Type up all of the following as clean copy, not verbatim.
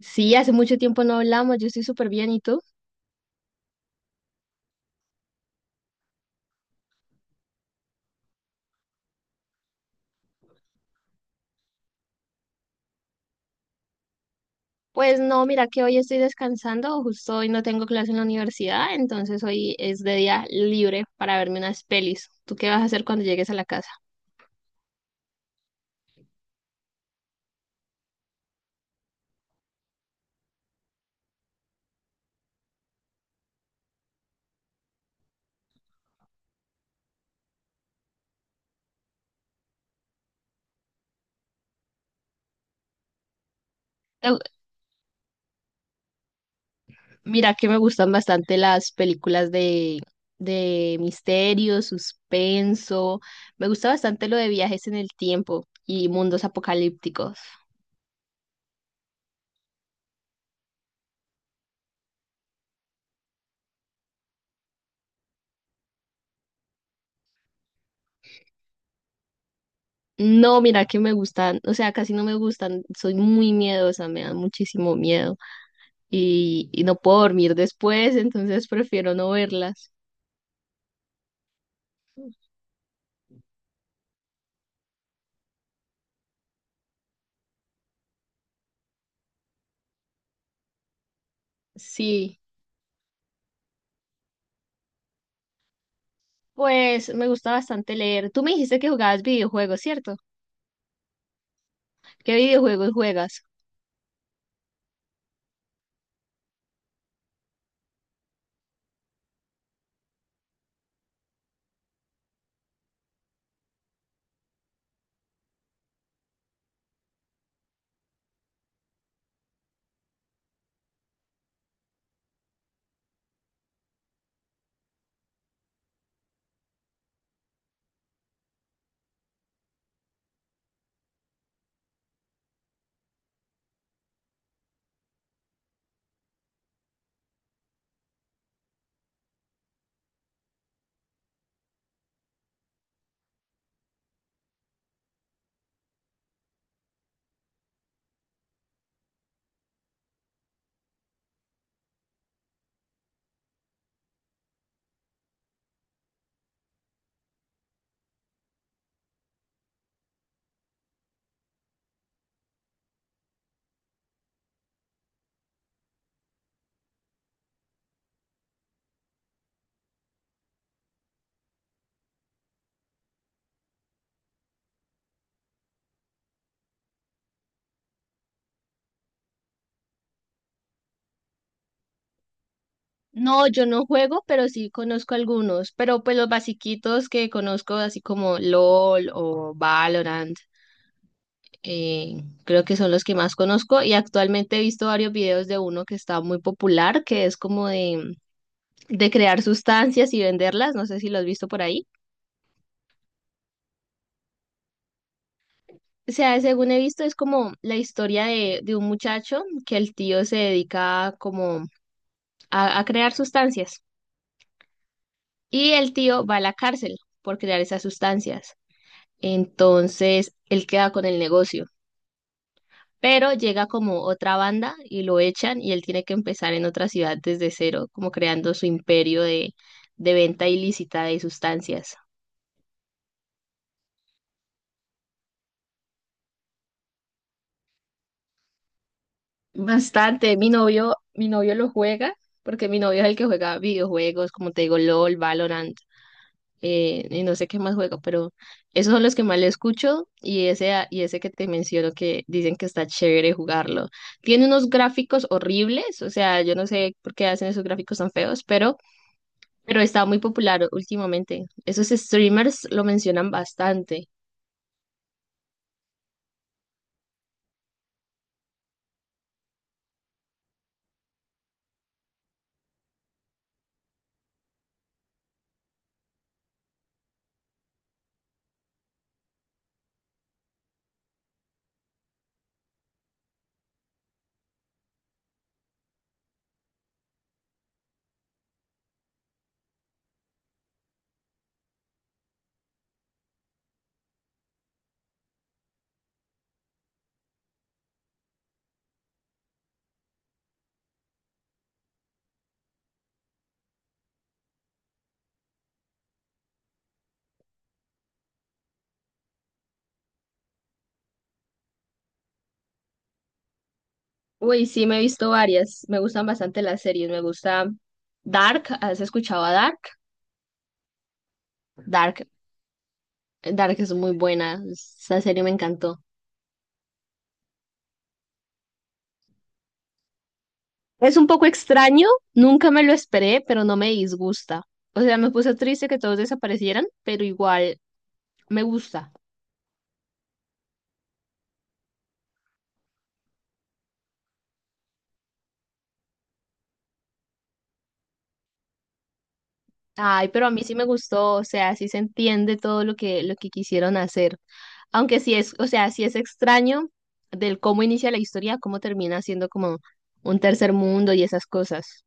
Sí, hace mucho tiempo no hablamos, yo estoy súper bien, ¿y tú? Pues no, mira que hoy estoy descansando, justo hoy no tengo clase en la universidad, entonces hoy es de día libre para verme unas pelis. ¿Tú qué vas a hacer cuando llegues a la casa? Eh, Mira que me gustan bastante las películas de misterio, suspenso, me gusta bastante lo de viajes en el tiempo y mundos apocalípticos. No, mira que me gustan, o sea, casi no me gustan, soy muy miedosa, me dan muchísimo miedo. Y no puedo dormir después, entonces prefiero no verlas. Sí, pues me gusta bastante leer. Tú me dijiste que jugabas videojuegos, ¿cierto? ¿Qué videojuegos juegas? No, yo no juego, pero sí conozco algunos, pero pues los basiquitos que conozco, así como LOL o Valorant, creo que son los que más conozco y actualmente he visto varios videos de uno que está muy popular, que es como de crear sustancias y venderlas, no sé si lo has visto por ahí. O sea, según he visto, es como la historia de un muchacho que el tío se dedica como a crear sustancias y el tío va a la cárcel por crear esas sustancias. Entonces, él queda con el negocio, pero llega como otra banda y lo echan y él tiene que empezar en otra ciudad desde cero, como creando su imperio de venta ilícita de sustancias. Bastante. Mi novio lo juega porque mi novio es el que juega videojuegos, como te digo, LOL, Valorant. Y no sé qué más juego, pero esos son los que más le escucho y ese que te menciono que dicen que está chévere jugarlo. Tiene unos gráficos horribles, o sea, yo no sé por qué hacen esos gráficos tan feos, pero está muy popular últimamente. Esos streamers lo mencionan bastante. Uy, sí, me he visto varias, me gustan bastante las series, me gusta Dark, ¿has escuchado a Dark? Dark, Dark es muy buena, esa serie me encantó. Es un poco extraño, nunca me lo esperé, pero no me disgusta. O sea, me puse triste que todos desaparecieran, pero igual me gusta. Ay, pero a mí sí me gustó, o sea, sí se entiende todo lo que quisieron hacer. Aunque sí es, o sea, sí es extraño del cómo inicia la historia, cómo termina siendo como un tercer mundo y esas cosas.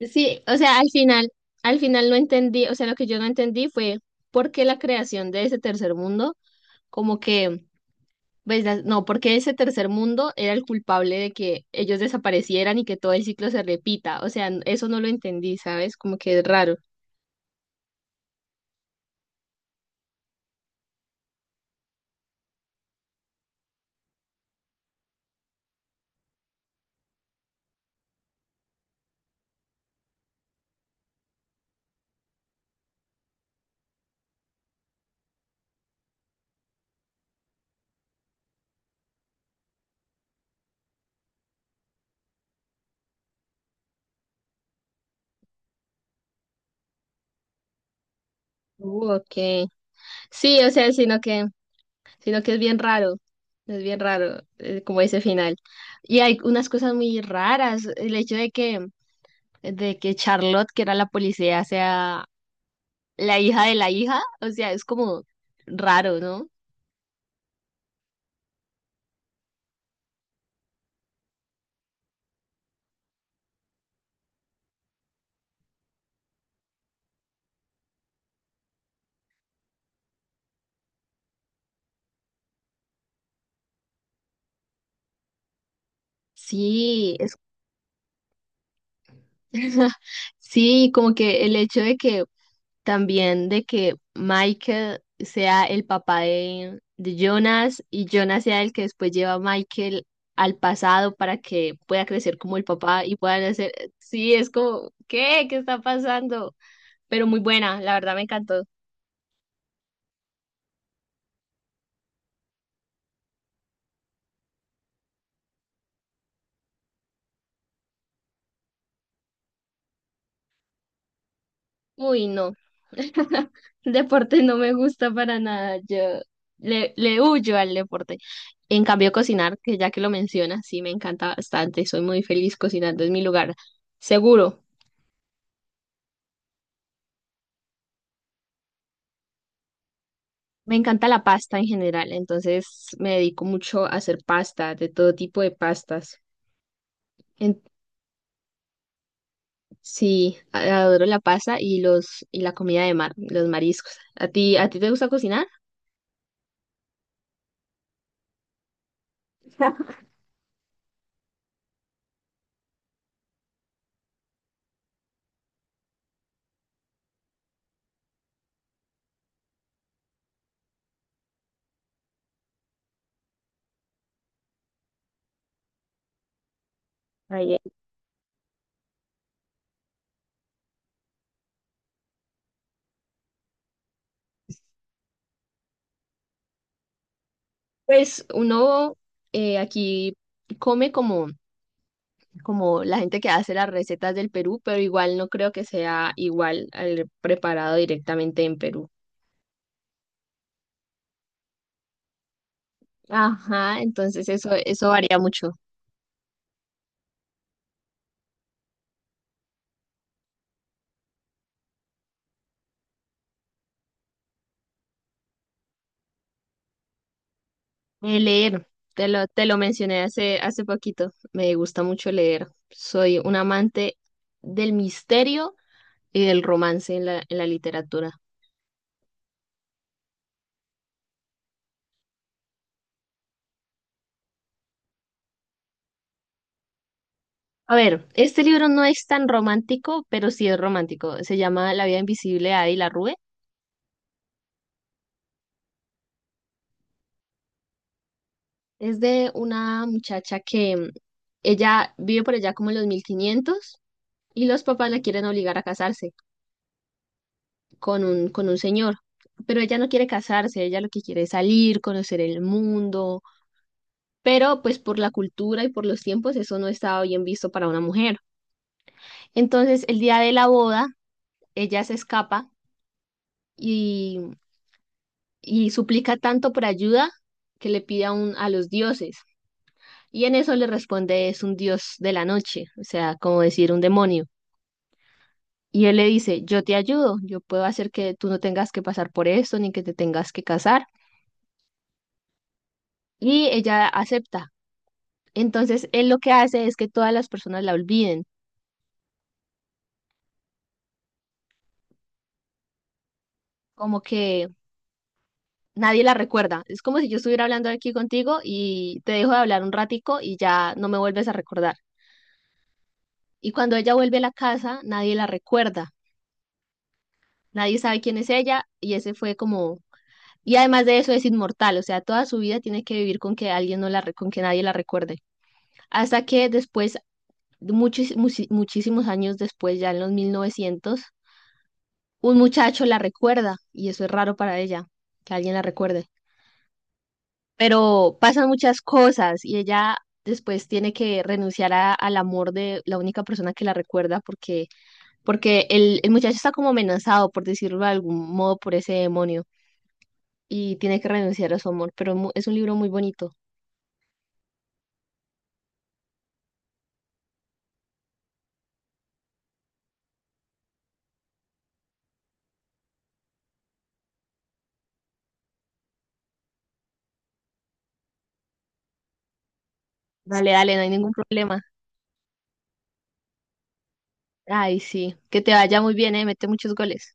Sí, o sea, al final no entendí, o sea, lo que yo no entendí fue por qué la creación de ese tercer mundo, como que. Pues no, porque ese tercer mundo era el culpable de que ellos desaparecieran y que todo el ciclo se repita. O sea, eso no lo entendí, ¿sabes? Como que es raro. Ok. Sí, o sea, sino que es bien raro. Es bien raro, como ese final. Y hay unas cosas muy raras. El hecho de que Charlotte, que era la policía, sea la hija de la hija. O sea, es como raro, ¿no? Sí, es... Sí, como que el hecho de que también de que Michael sea el papá de Jonas y Jonas sea el que después lleva a Michael al pasado para que pueda crecer como el papá y puedan hacer, sí, es como, ¿qué? ¿Qué está pasando? Pero muy buena, la verdad me encantó. Uy, no. Deporte no me gusta para nada. Yo le huyo al deporte. En cambio, cocinar, que ya que lo mencionas, sí me encanta bastante. Soy muy feliz cocinando, es mi lugar seguro. Me encanta la pasta en general, entonces me dedico mucho a hacer pasta, de todo tipo de pastas. En- sí, adoro la pasta y los y la comida de mar, los mariscos. ¿A ti te gusta cocinar? Ay, eh. Pues uno aquí come como, como la gente que hace las recetas del Perú, pero igual no creo que sea igual al preparado directamente en Perú. Ajá, entonces eso varía mucho. Leer, te lo mencioné hace poquito. Me gusta mucho leer. Soy un amante del misterio y del romance en en la literatura. A ver, este libro no es tan romántico, pero sí es romántico. Se llama La vida invisible de Adi rue. Es de una muchacha que ella vive por allá como en los 1500 y los papás la quieren obligar a casarse con un señor. Pero ella no quiere casarse, ella lo que quiere es salir, conocer el mundo, pero pues por la cultura y por los tiempos eso no estaba bien visto para una mujer. Entonces el día de la boda, ella se escapa y, y suplica tanto por ayuda que le pide a los dioses. Y en eso le responde es un dios de la noche, o sea, como decir un demonio. Y él le dice, yo te ayudo, yo puedo hacer que tú no tengas que pasar por esto, ni que te tengas que casar. Y ella acepta. Entonces, él lo que hace es que todas las personas la olviden, como que nadie la recuerda. Es como si yo estuviera hablando aquí contigo y te dejo de hablar un ratico y ya no me vuelves a recordar. Y cuando ella vuelve a la casa, nadie la recuerda. Nadie sabe quién es ella y ese fue como... Y además de eso es inmortal, o sea, toda su vida tiene que vivir con que alguien no la, re- con que nadie la recuerde. Hasta que después, muchísimos años después, ya en los 1900, un muchacho la recuerda y eso es raro para ella, que alguien la recuerde. Pero pasan muchas cosas y ella después tiene que renunciar al amor de la única persona que la recuerda, porque el muchacho está como amenazado, por decirlo de algún modo, por ese demonio y tiene que renunciar a su amor, pero es un libro muy bonito. Dale, dale, no hay ningún problema. Ay, sí, que te vaya muy bien, mete muchos goles.